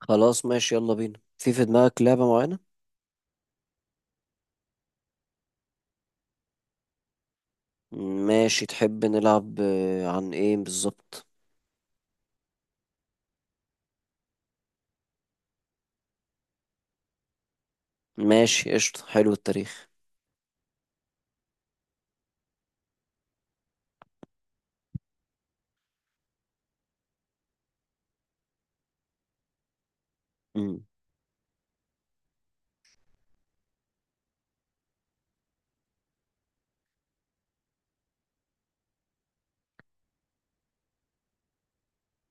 خلاص، ماشي. يلا بينا. في دماغك لعبة معينة؟ ماشي، تحب نلعب؟ عن ايه بالظبط؟ ماشي، قشطة. حلو التاريخ. مم.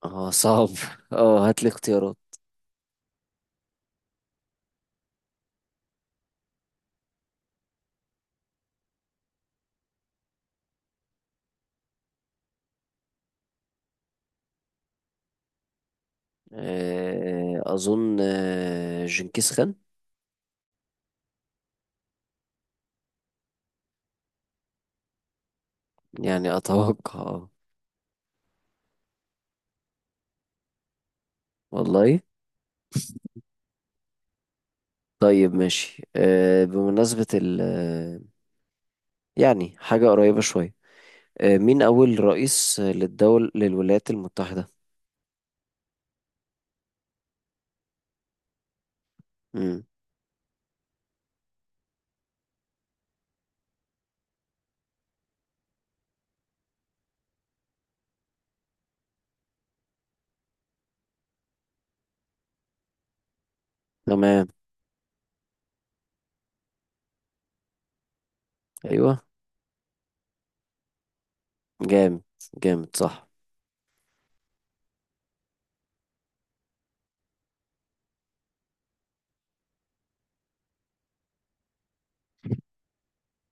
اه، صعب اه، هات لي اختيارات. اظن جنكيز خان. يعني اتوقع. والله. طيب، ماشي، بمناسبة ال آه، يعني حاجة قريبة شوية، مين أول رئيس للولايات المتحدة؟ مم. تمام، أيوه. جامد، جامد، صح.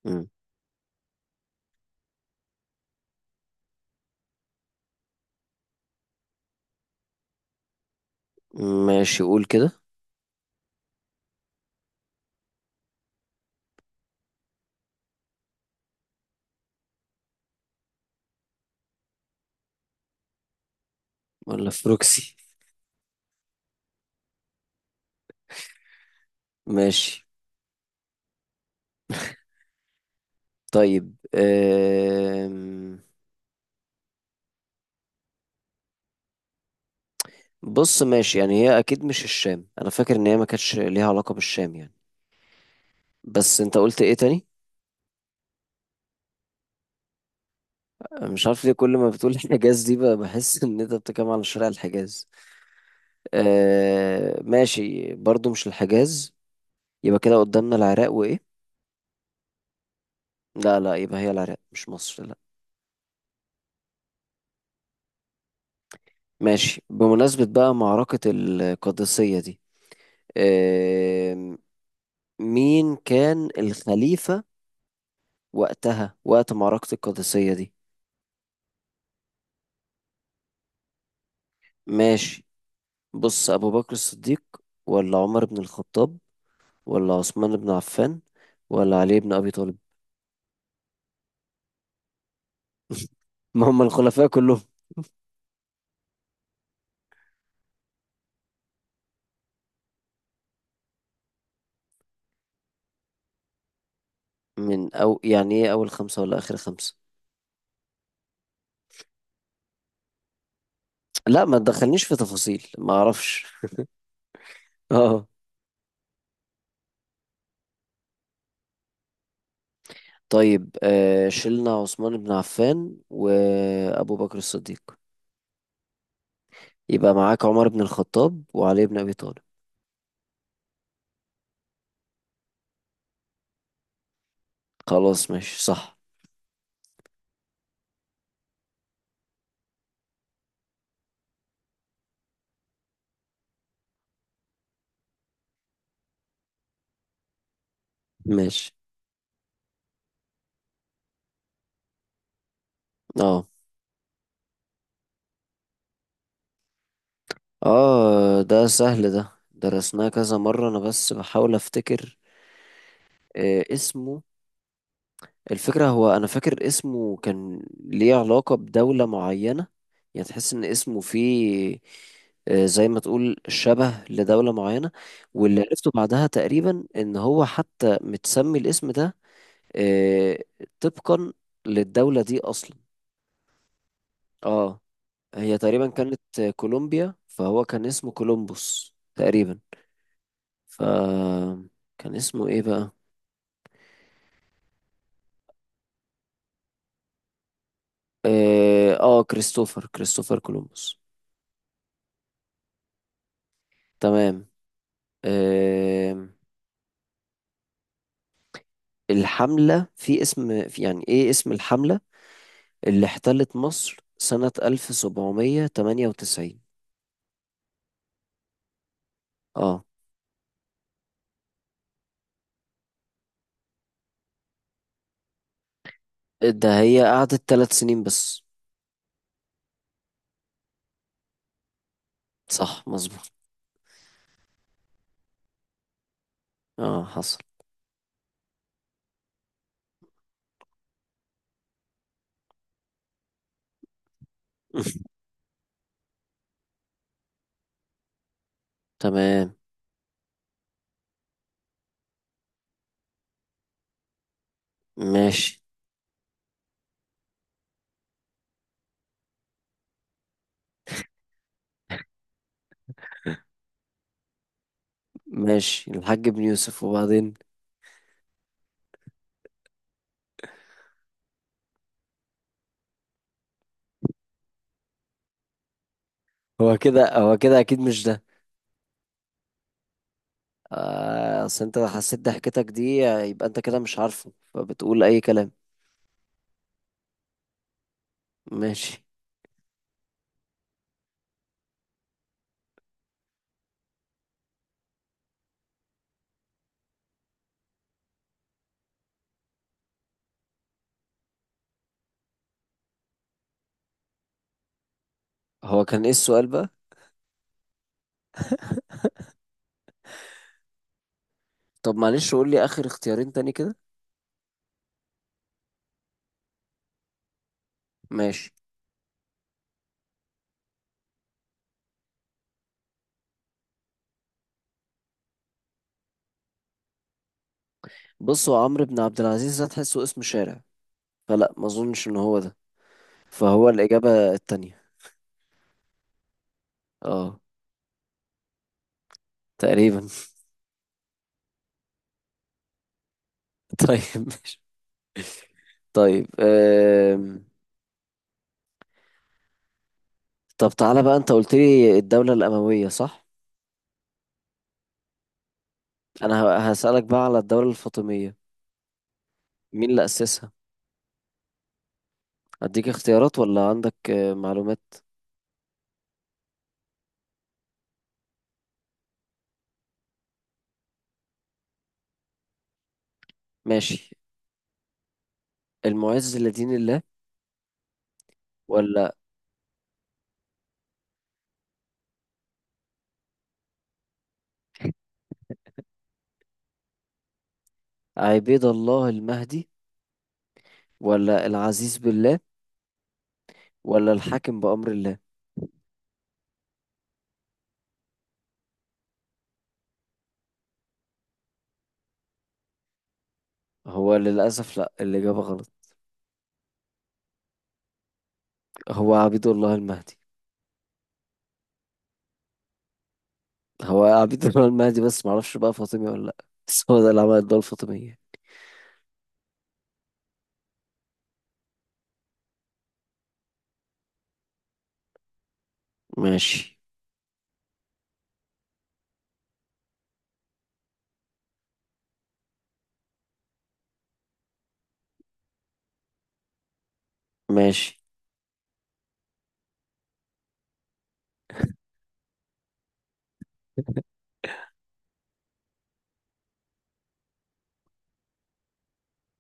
مم. ماشي، قول كده. ولا في بروكسي؟ ماشي. طيب. بص ماشي، يعني هي اكيد مش الشام، انا فاكر ان هي ما كانتش ليها علاقة بالشام، يعني. بس انت قلت ايه تاني؟ أنا مش عارف ليه كل ما بتقول الحجاز دي بقى بحس ان انت بتتكلم عن شارع الحجاز. ماشي، برضو مش الحجاز. يبقى كده قدامنا العراق وايه؟ لا، لا، يبقى هي العراق، مش مصر، لا. ماشي، بمناسبة بقى معركة القادسية دي، مين كان الخليفة وقتها، وقت معركة القادسية دي؟ ماشي، بص: أبو بكر الصديق، ولا عمر بن الخطاب، ولا عثمان بن عفان، ولا علي بن أبي طالب؟ ما هم الخلفاء كلهم. من أو يعني إيه أول خمسة ولا آخر خمسة؟ لا، ما تدخلنيش في تفاصيل ما أعرفش. اه. طيب، شلنا عثمان بن عفان وأبو بكر الصديق، يبقى معاك عمر بن الخطاب وعلي بن أبي طالب. خلاص، ماشي، صح. ماشي. اه، اه، ده سهل، ده درسناه كذا مرة، انا بس بحاول افتكر. اسمه، الفكرة هو انا فاكر اسمه كان ليه علاقة بدولة معينة، يعني تحس ان اسمه فيه، زي ما تقول شبه لدولة معينة. واللي عرفته بعدها تقريبا ان هو حتى متسمي الاسم ده آه، طبقا للدولة دي اصلا. اه، هي تقريبا كانت كولومبيا، فهو كان اسمه كولومبوس تقريبا. ف كان اسمه ايه بقى؟ اه، كريستوفر كولومبوس. تمام. آه الحملة في اسم في يعني ايه اسم الحملة اللي احتلت مصر سنة 1798؟ اه، ده هي قعدت 3 سنين بس. صح، مظبوط. اه، حصل. تمام. ماشي، ماشي، الحاج ابن يوسف، وبعدين؟ هو كده، هو كده اكيد مش ده. اصل انت لو حسيت ضحكتك دي يبقى انت كده مش عارفه فبتقول اي كلام. ماشي، هو كان ايه السؤال بقى؟ طب معلش، قول لي اخر اختيارين تاني كده. ماشي. بص، هو عمرو بن عبد العزيز ده تحسه اسم شارع، فلا، ما اظنش ان هو ده، فهو الاجابة التانية. اه، تقريبا. طيب، ماشي. طيب. طب تعالى بقى، انت قلت لي الدولة الأموية، صح؟ انا هسألك بقى على الدولة الفاطمية، مين اللي أسسها؟ اديك اختيارات ولا عندك معلومات؟ ماشي. المعز لدين الله، ولا عبيد الله المهدي، ولا العزيز بالله، ولا الحاكم بأمر الله؟ هو للأسف لا، الإجابة غلط. هو عبيد الله المهدي. هو عبيد الله المهدي، بس معرفش بقى فاطمي ولا لأ، بس هو ده اللي عمل الدولة الفاطمية. ماشي، ماشي.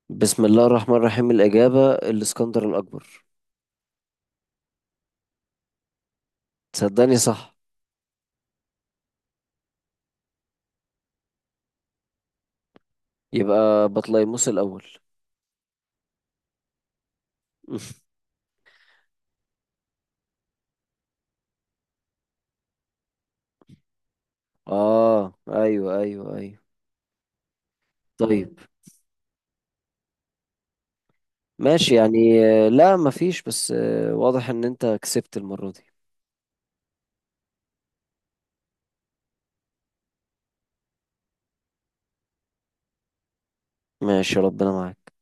بسم الله الرحمن الرحيم، الإجابة الإسكندر الأكبر. تصدقني، صح؟ يبقى بطليموس الأول. آه، أيوه، أيوه، أيوه. طيب ماشي، يعني لا، مفيش، بس واضح ان انت كسبت المرة دي. ماشي، ربنا معاك.